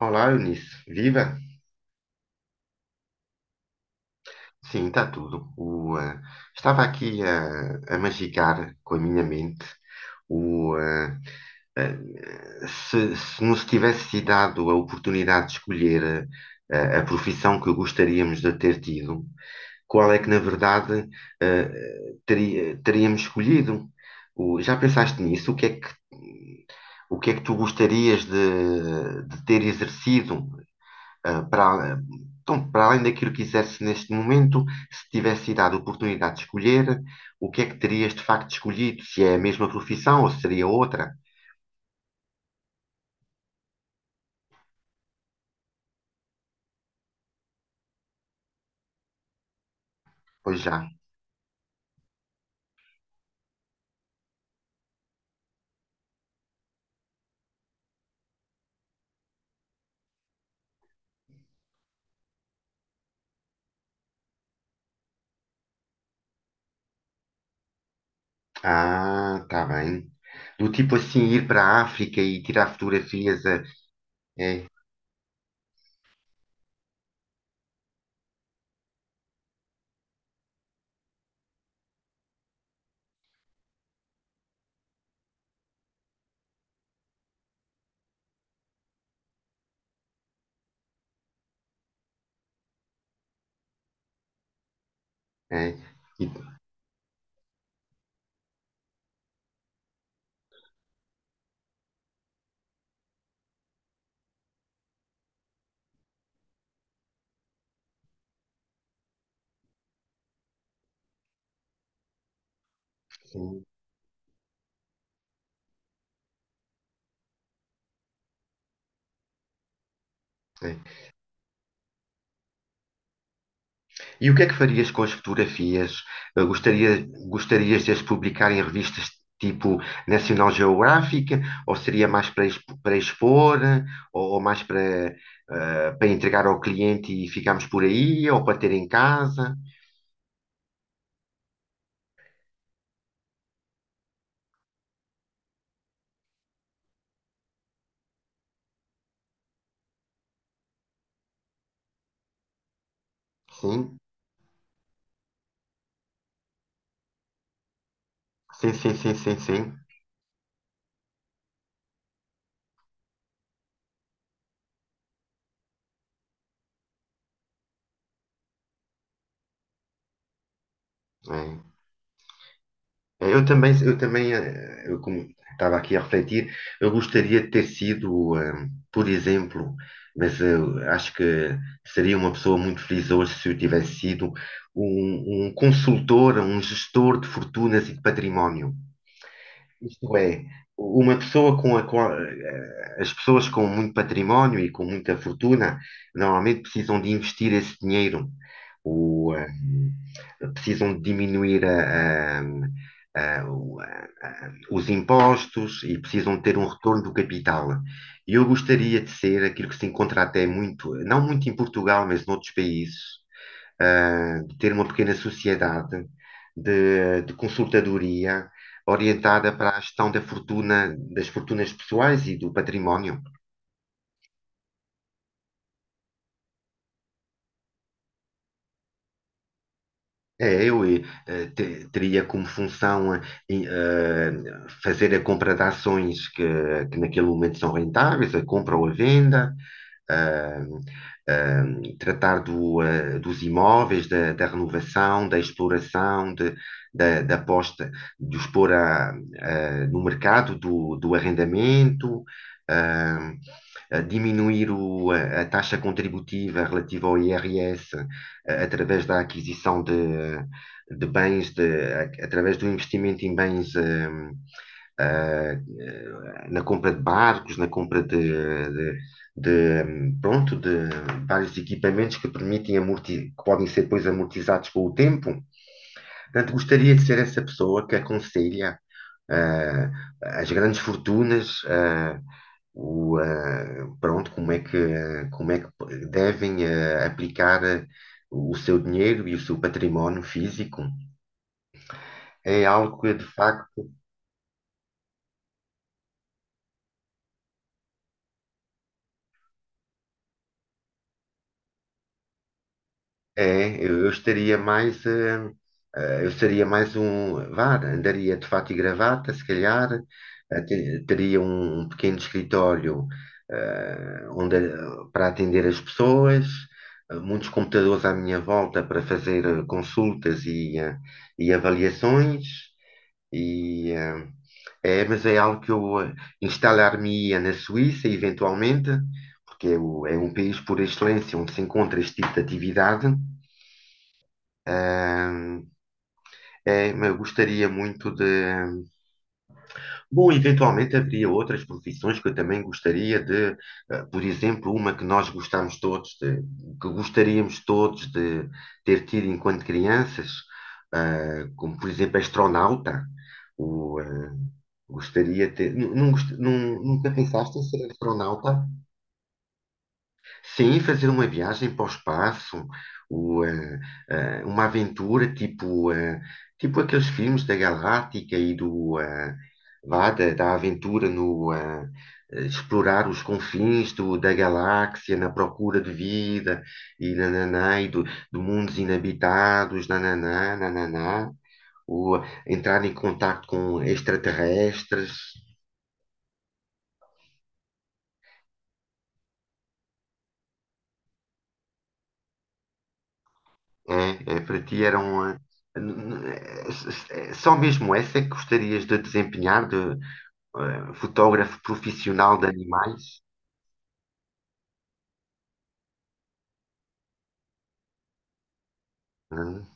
Olá, Eunice. Viva? Sim, está tudo. Estava aqui a magicar com a minha mente o, eh, eh, se nos tivesse sido dado a oportunidade de escolher a, profissão que gostaríamos de ter tido, qual é que, na verdade, eh, teríamos escolhido? Já pensaste nisso? O que é que tu gostarias de ter exercido? ah, para, então, para além daquilo que quisesse neste momento, se tivesse dado a oportunidade de escolher, o que é que terias de facto escolhido? Se é a mesma profissão ou se seria outra? Pois já. Ah, tá bem. Do tipo assim, ir para a África e tirar fotografias. A É, é. E- sim, é. E o que é que farias com as fotografias? Gostarias de as publicar em revistas tipo National Geographic? Ou seria mais para, para expor? Ou mais para, para entregar ao cliente e ficarmos por aí? Ou para ter em casa? Sim, sim, sim, sim, sim, sim. É. Eu como estava aqui a refletir, eu gostaria de ter sido, por exemplo, mas eu acho que seria uma pessoa muito feliz hoje se eu tivesse sido um consultor, um gestor de fortunas e de património. Isto é, uma pessoa com a qual, as pessoas com muito património e com muita fortuna normalmente precisam de investir esse dinheiro. O, eh, precisam de diminuir a- a- os impostos e precisam de ter um retorno do capital. E eu gostaria de ser aquilo que se encontra até muito, não muito em Portugal, mas noutros países, de ter uma pequena sociedade de consultadoria orientada para a gestão da fortuna, das fortunas pessoais e do património. É, eu eh, eh, te- Teria como função em, eh, fazer a compra de ações que naquele momento são rentáveis, a compra ou a venda, ah, ah, tratar dos imóveis, da renovação, da exploração, da posta, de os pôr à- ah, no mercado do arrendamento, ah, a diminuir a taxa contributiva relativa ao IRS através da aquisição de bens, através do investimento em bens, eh, na compra de barcos, na compra de- pronto, de vários equipamentos que permitem amorti que podem ser depois amortizados com o tempo. Portanto, gostaria de ser essa pessoa que aconselha ah, as grandes fortunas, ah, o, ah, pronto, como é que, ah, como é que devem aplicar o seu dinheiro e o seu património físico. É algo que, de facto, eu estaria mais, eu seria mais um, vá, andaria de fato e gravata, se calhar, teria um pequeno escritório eh, onde, para atender as pessoas, muitos computadores à minha volta para fazer consultas e avaliações, e, eh, mas é algo que instalar-me-ia na Suíça, eventualmente, porque é um país por excelência onde se encontra este tipo de atividade. eh, É, eu gostaria muito de. Bom, eventualmente haveria outras profissões que eu também gostaria de, por exemplo, uma que nós gostamos todos de, que gostaríamos todos de ter tido enquanto crianças, como por exemplo astronauta. O, eh, gostaria de ter. Nunca pensaste em ser astronauta? Sim, fazer uma viagem para o espaço, o, eh, uma aventura tipo, tipo aqueles filmes da Galáctica e vá, da aventura no eh, eh, explorar os confins da galáxia na procura de vida e nananá, e do, de mundos inabitados, nananá, nananá, ou entrar em contato com extraterrestres. É, é, para ti era um. Só mesmo essa é que gostarias de desempenhar de fotógrafo profissional de animais? Hum,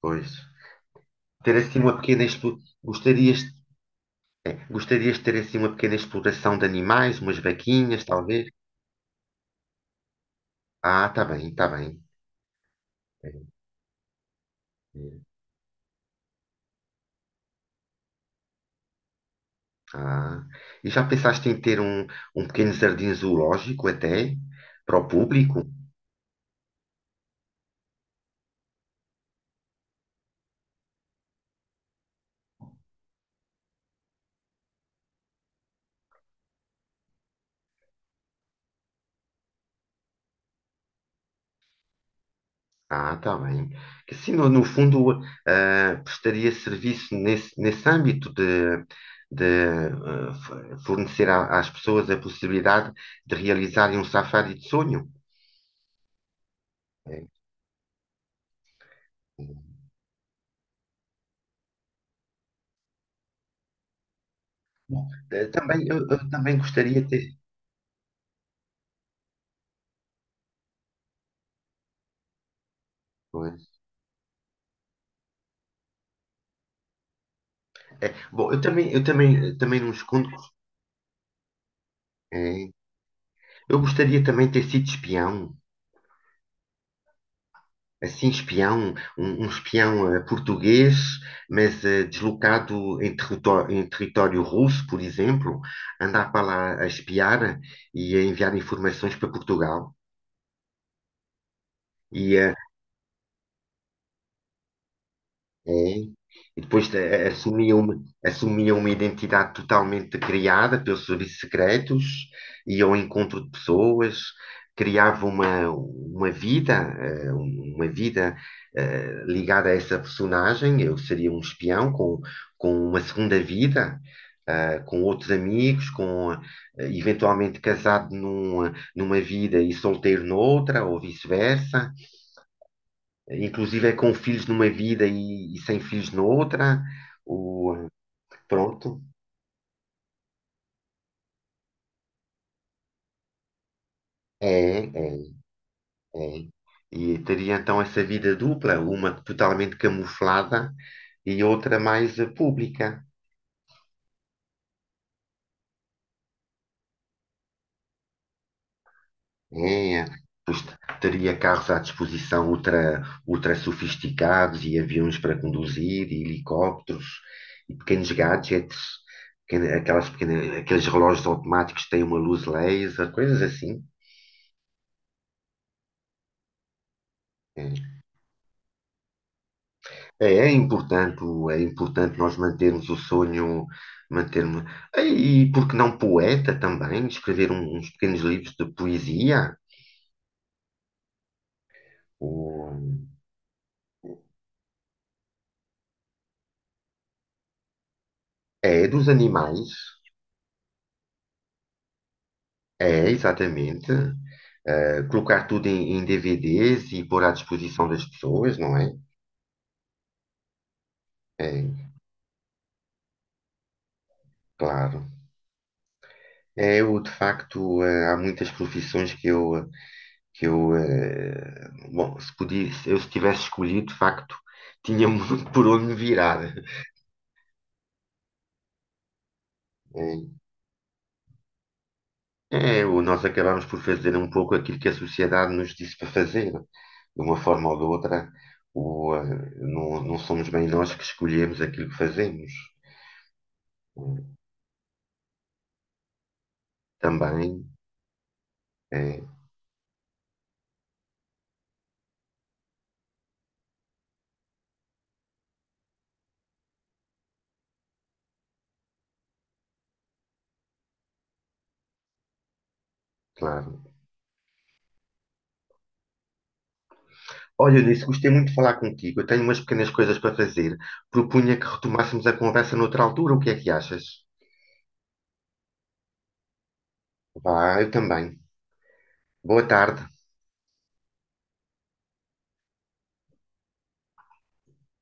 pois. Ter assim uma pequena explo- Gostarias, gostarias de ter assim uma pequena exploração de animais, umas vaquinhas, talvez? Ah, tá bem, tá bem. É, é. Ah. E já pensaste em ter um pequeno jardim zoológico até para o público? Ah, tá bem. Que assim, no fundo, prestaria serviço nesse âmbito de fornecer às pessoas a possibilidade de realizarem um safari de sonho. É. Bom, eu também gostaria de ter. Pois. É, bom, também não escondo. É, eu gostaria também de ter sido espião. Assim, espião, um espião português, mas deslocado em território russo, por exemplo, andar para lá a espiar e a enviar informações para Portugal. E, eh, É. E depois assumia uma identidade totalmente criada pelos serviços secretos, ia ao encontro de pessoas, criava uma vida, uma vida ligada a essa personagem. Eu seria um espião com uma segunda vida, com outros amigos, eventualmente casado numa vida e solteiro noutra, ou vice-versa inclusive é com filhos numa vida e sem filhos noutra. O, pronto, é, é, é. E teria então essa vida dupla, uma totalmente camuflada e outra mais pública. É, é. Teria carros à disposição ultra sofisticados e aviões para conduzir, e helicópteros e pequenos gadgets, aqueles relógios automáticos que têm uma luz laser, coisas assim. É. É, é importante nós mantermos o sonho, mantermos. E por que não poeta também? Escrever uns pequenos livros de poesia? Ou- É, dos animais. É, exatamente. Eh, colocar tudo em, em DVDs e pôr à disposição das pessoas, não é? É, claro. É, eu, de facto, há muitas profissões que eu, bom, se podia, se tivesse escolhido, de facto, tinha muito por onde me virar. É, É, nós acabamos por fazer um pouco aquilo que a sociedade nos disse para fazer. De uma forma ou de outra, não, não somos bem nós que escolhemos aquilo que fazemos. Também, é, claro. Olha, Eunice, gostei muito de falar contigo. Eu tenho umas pequenas coisas para fazer. Propunha que retomássemos a conversa noutra altura. O que é que achas? Vá, eu também. Boa tarde.